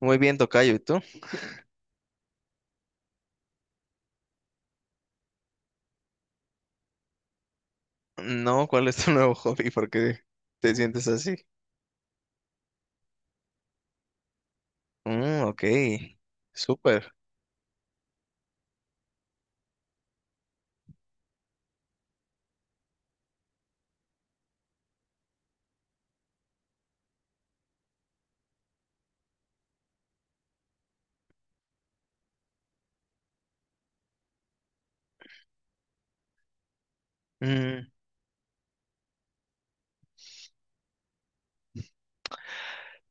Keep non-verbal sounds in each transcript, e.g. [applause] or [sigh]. Muy bien, tocayo, ¿y tú? No, ¿cuál es tu [laughs] nuevo hobby? ¿Por qué te sientes así? Mm, ok, súper. Mm,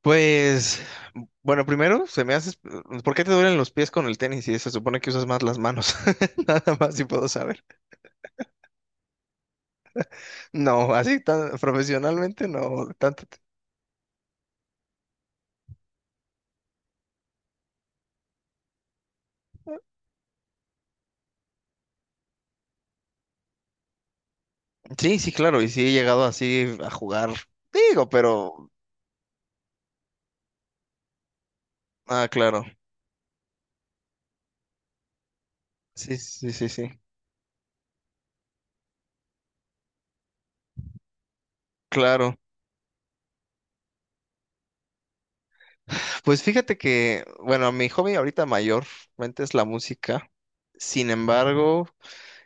pues, bueno, primero se me hace... ¿Por qué te duelen los pies con el tenis si se supone que usas más las manos? [laughs] Nada más si puedo saber. No, así tan profesionalmente no, tanto. Sí, sí, claro, y sí he llegado así a jugar, digo, pero... Ah, claro. Sí, sí, sí, sí. Claro. Pues fíjate que, bueno, mi hobby ahorita mayormente es la música. Sin embargo,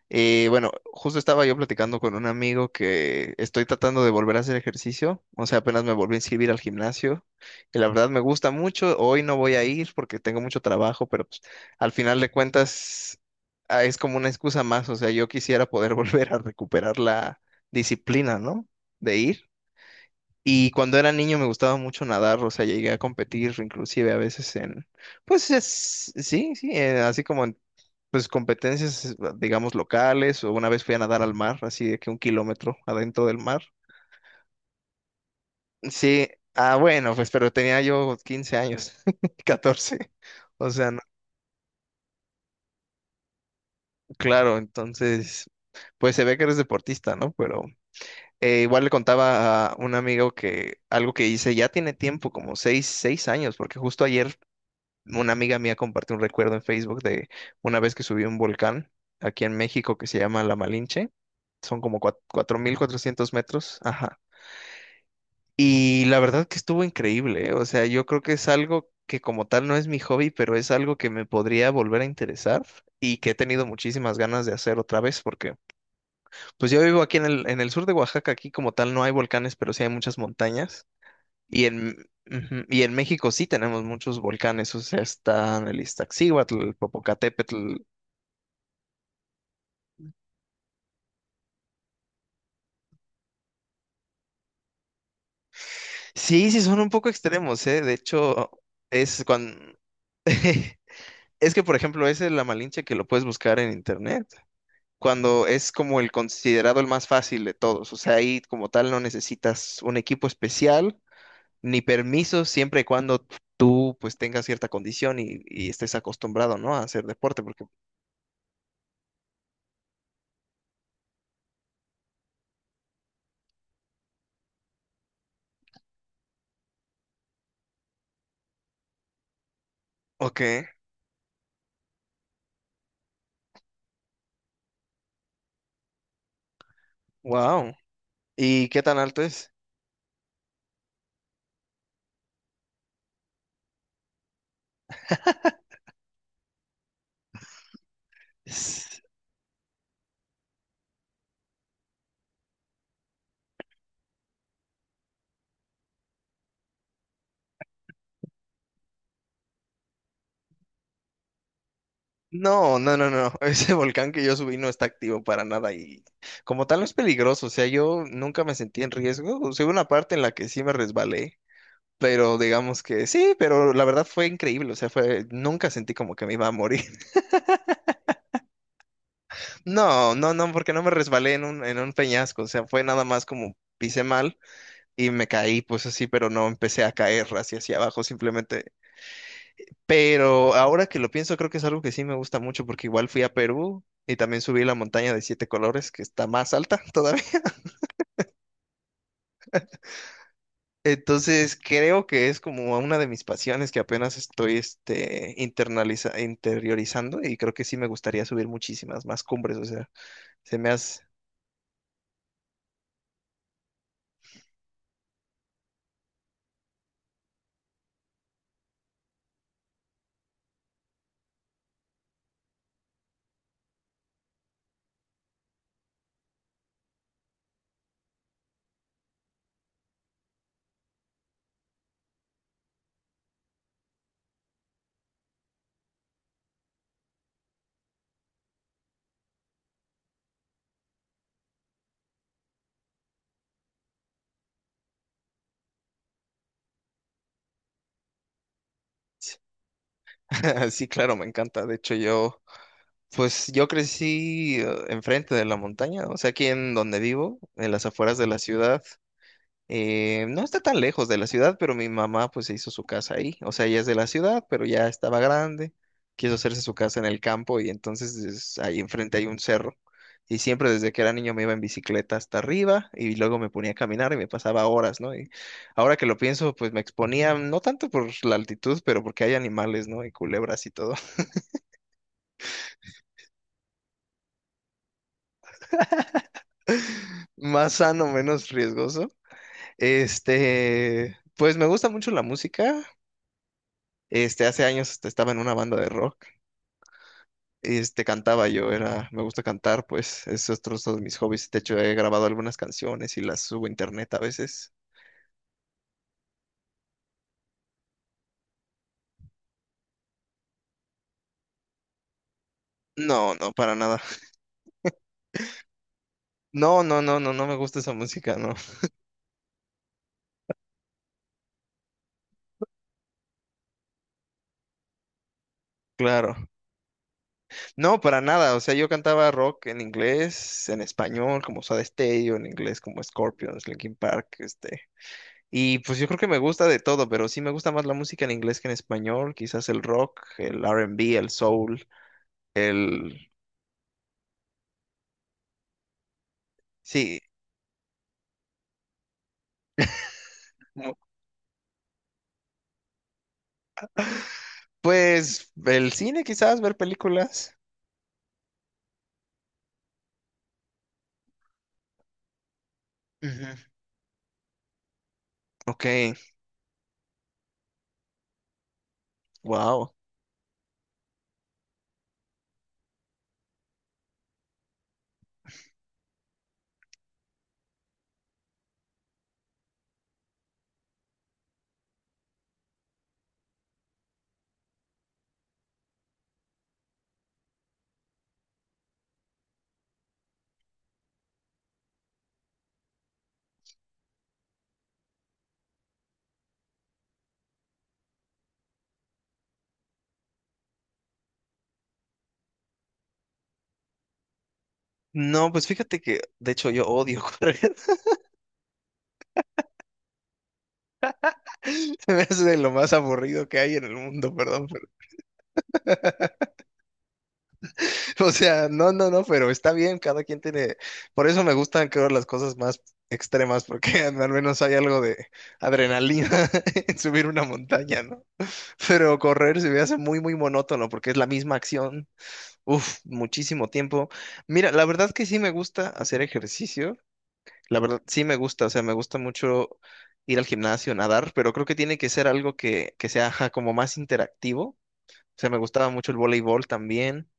bueno, justo estaba yo platicando con un amigo que estoy tratando de volver a hacer ejercicio. O sea, apenas me volví a inscribir al gimnasio. Y la verdad me gusta mucho. Hoy no voy a ir porque tengo mucho trabajo, pero pues, al final de cuentas es como una excusa más. O sea, yo quisiera poder [laughs] volver a recuperar la disciplina, ¿no? De ir. Y cuando era niño me gustaba mucho nadar, o sea, llegué a competir inclusive a veces en, pues sí, sí, así como en, pues competencias, digamos, locales, o una vez fui a nadar al mar, así de que un kilómetro adentro del mar. Sí, bueno, pues pero tenía yo 15 años, [laughs] 14 o sea, no- claro, entonces, pues se ve que eres deportista, ¿no? Pero igual le contaba a un amigo que algo que hice ya tiene tiempo, como 6, 6 años, porque justo ayer una amiga mía compartió un recuerdo en Facebook de una vez que subió un volcán aquí en México que se llama La Malinche. Son como 4.400 metros. Ajá. Y la verdad que estuvo increíble, ¿eh? O sea, yo creo que es algo que como tal no es mi hobby, pero es algo que me podría volver a interesar y que he tenido muchísimas ganas de hacer otra vez porque pues yo vivo aquí en el sur de Oaxaca, aquí como tal no hay volcanes, pero sí hay muchas montañas. Y en, ujú, y en México sí tenemos muchos volcanes, o sea, están el Iztaccíhuatl, el Popocatépetl. Sí, sí, son un poco extremos, ¿eh? De hecho, es cuando... [laughs] Es que, por ejemplo, ese es la Malinche que lo puedes buscar en internet, cuando es como el considerado el más fácil de todos. O sea, ahí como tal no necesitas un equipo especial ni permiso, siempre y cuando tú pues tengas cierta condición y estés acostumbrado, ¿no? A hacer deporte, porque... Ok, wow. ¿Y qué tan alto es? S- No, no, no, no. [laughs] Ese volcán que yo subí no está activo para nada y como tal no es peligroso. O sea, yo nunca me sentí en riesgo. O sea, hubo una parte en la que sí me resbalé, pero digamos que sí, pero la verdad fue increíble. O sea, fue, nunca sentí como que me iba a morir. [laughs] No, no, no, porque no me resbalé en un peñasco. O sea, fue nada más como pisé mal y me caí, pues así, pero no empecé a caer hacia, hacia abajo. Simplemente pero ahora que lo pienso, creo que es algo que sí me gusta mucho porque igual fui a Perú y también subí la montaña de siete colores que está más alta [laughs] todavía. Entonces creo que es como una de mis pasiones que apenas estoy este, internaliza, interiorizando y creo que sí me gustaría subir muchísimas más cumbres. O sea, se me hace... [laughs] Sí, claro, me encanta. De hecho, yo, pues yo crecí enfrente de la montaña, o sea, aquí en donde vivo, en las afueras de la ciudad. No está tan lejos de la ciudad, pero mi mamá pues se hizo su casa ahí. O sea, ella es de la ciudad, pero ya estaba grande. Quiso hacerse su casa en el campo y entonces ahí enfrente hay un cerro. Y siempre desde que era niño me iba en bicicleta hasta arriba y luego me ponía a caminar y me pasaba horas, ¿no? Y ahora que lo pienso, pues me exponía no tanto por la altitud, pero porque hay animales, ¿no? Y culebras y todo. [laughs] Más sano, menos riesgoso. Este, pues me gusta mucho la música. Este, hace años hasta estaba en una banda de rock. Este, cantaba yo, era, me gusta cantar, pues es otro de mis hobbies. De hecho, he grabado algunas canciones y las subo a internet a veces. No, no, para nada. No, no, no, no, no me gusta esa música, no. [laughs] Claro. No, para nada. O sea, yo cantaba rock en inglés, en español, como Soda Stereo, en inglés como Scorpions, Linkin Park, este. Y pues yo creo que me gusta de todo, pero sí me gusta más la música en inglés que en español. Quizás el rock, el R&B, el soul, el... Sí. Pues el cine quizás, ver películas. Ujú. Ok, wow. No, pues fíjate que de hecho yo odio [laughs] correr. Se me hace de lo más aburrido que hay en el mundo, perdón, pero- [laughs] o sea, no, no, no, pero está bien, cada quien tiene. Por eso me gustan, creo, las cosas más extremas, porque [laughs] al menos hay algo de adrenalina [laughs] en subir una montaña, ¿no? Pero correr se me hace muy, muy monótono, porque es la misma acción. Uf, muchísimo tiempo. Mira, la verdad que sí me gusta hacer ejercicio. La verdad, sí me gusta, o sea, me gusta mucho ir al gimnasio, nadar, pero creo que tiene que ser algo que sea ajá, como más interactivo. O sea, me gustaba mucho el voleibol también.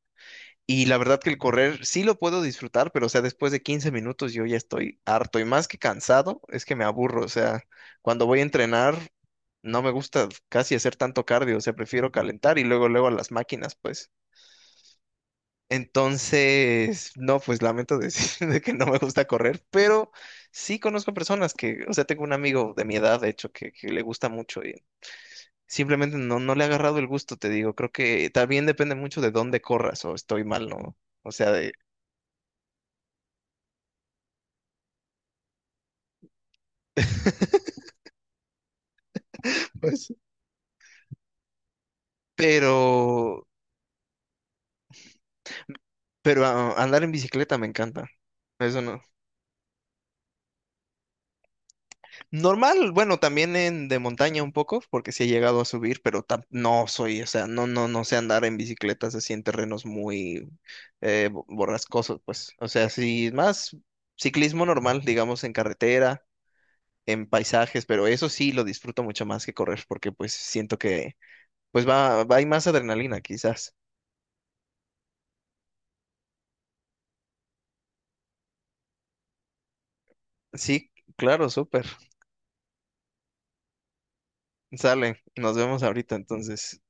Y la verdad que el correr sí lo puedo disfrutar, pero o sea, después de 15 minutos yo ya estoy harto y más que cansado, es que me aburro. O sea, cuando voy a entrenar, no me gusta casi hacer tanto cardio, o sea, prefiero calentar y luego, luego a las máquinas, pues. Entonces, no, pues lamento decir [laughs] de que no me gusta correr, pero sí conozco personas que, o sea, tengo un amigo de mi edad, de hecho, que le gusta mucho y simplemente no, no le ha agarrado el gusto, te digo. Creo que también depende mucho de dónde corras o estoy mal, ¿no? O sea, de... [laughs] Pues, pero, pero andar en bicicleta me encanta. Eso no. Normal, bueno, también en de montaña un poco, porque sí he llegado a subir, pero no soy, o sea, no, no, no sé andar en bicicletas así en terrenos muy borrascosos, pues. O sea, sí, más ciclismo normal, digamos, en carretera, en paisajes, pero eso sí lo disfruto mucho más que correr, porque pues siento que, pues hay más adrenalina, quizás. Sí, claro, súper. Sale, nos vemos ahorita, entonces.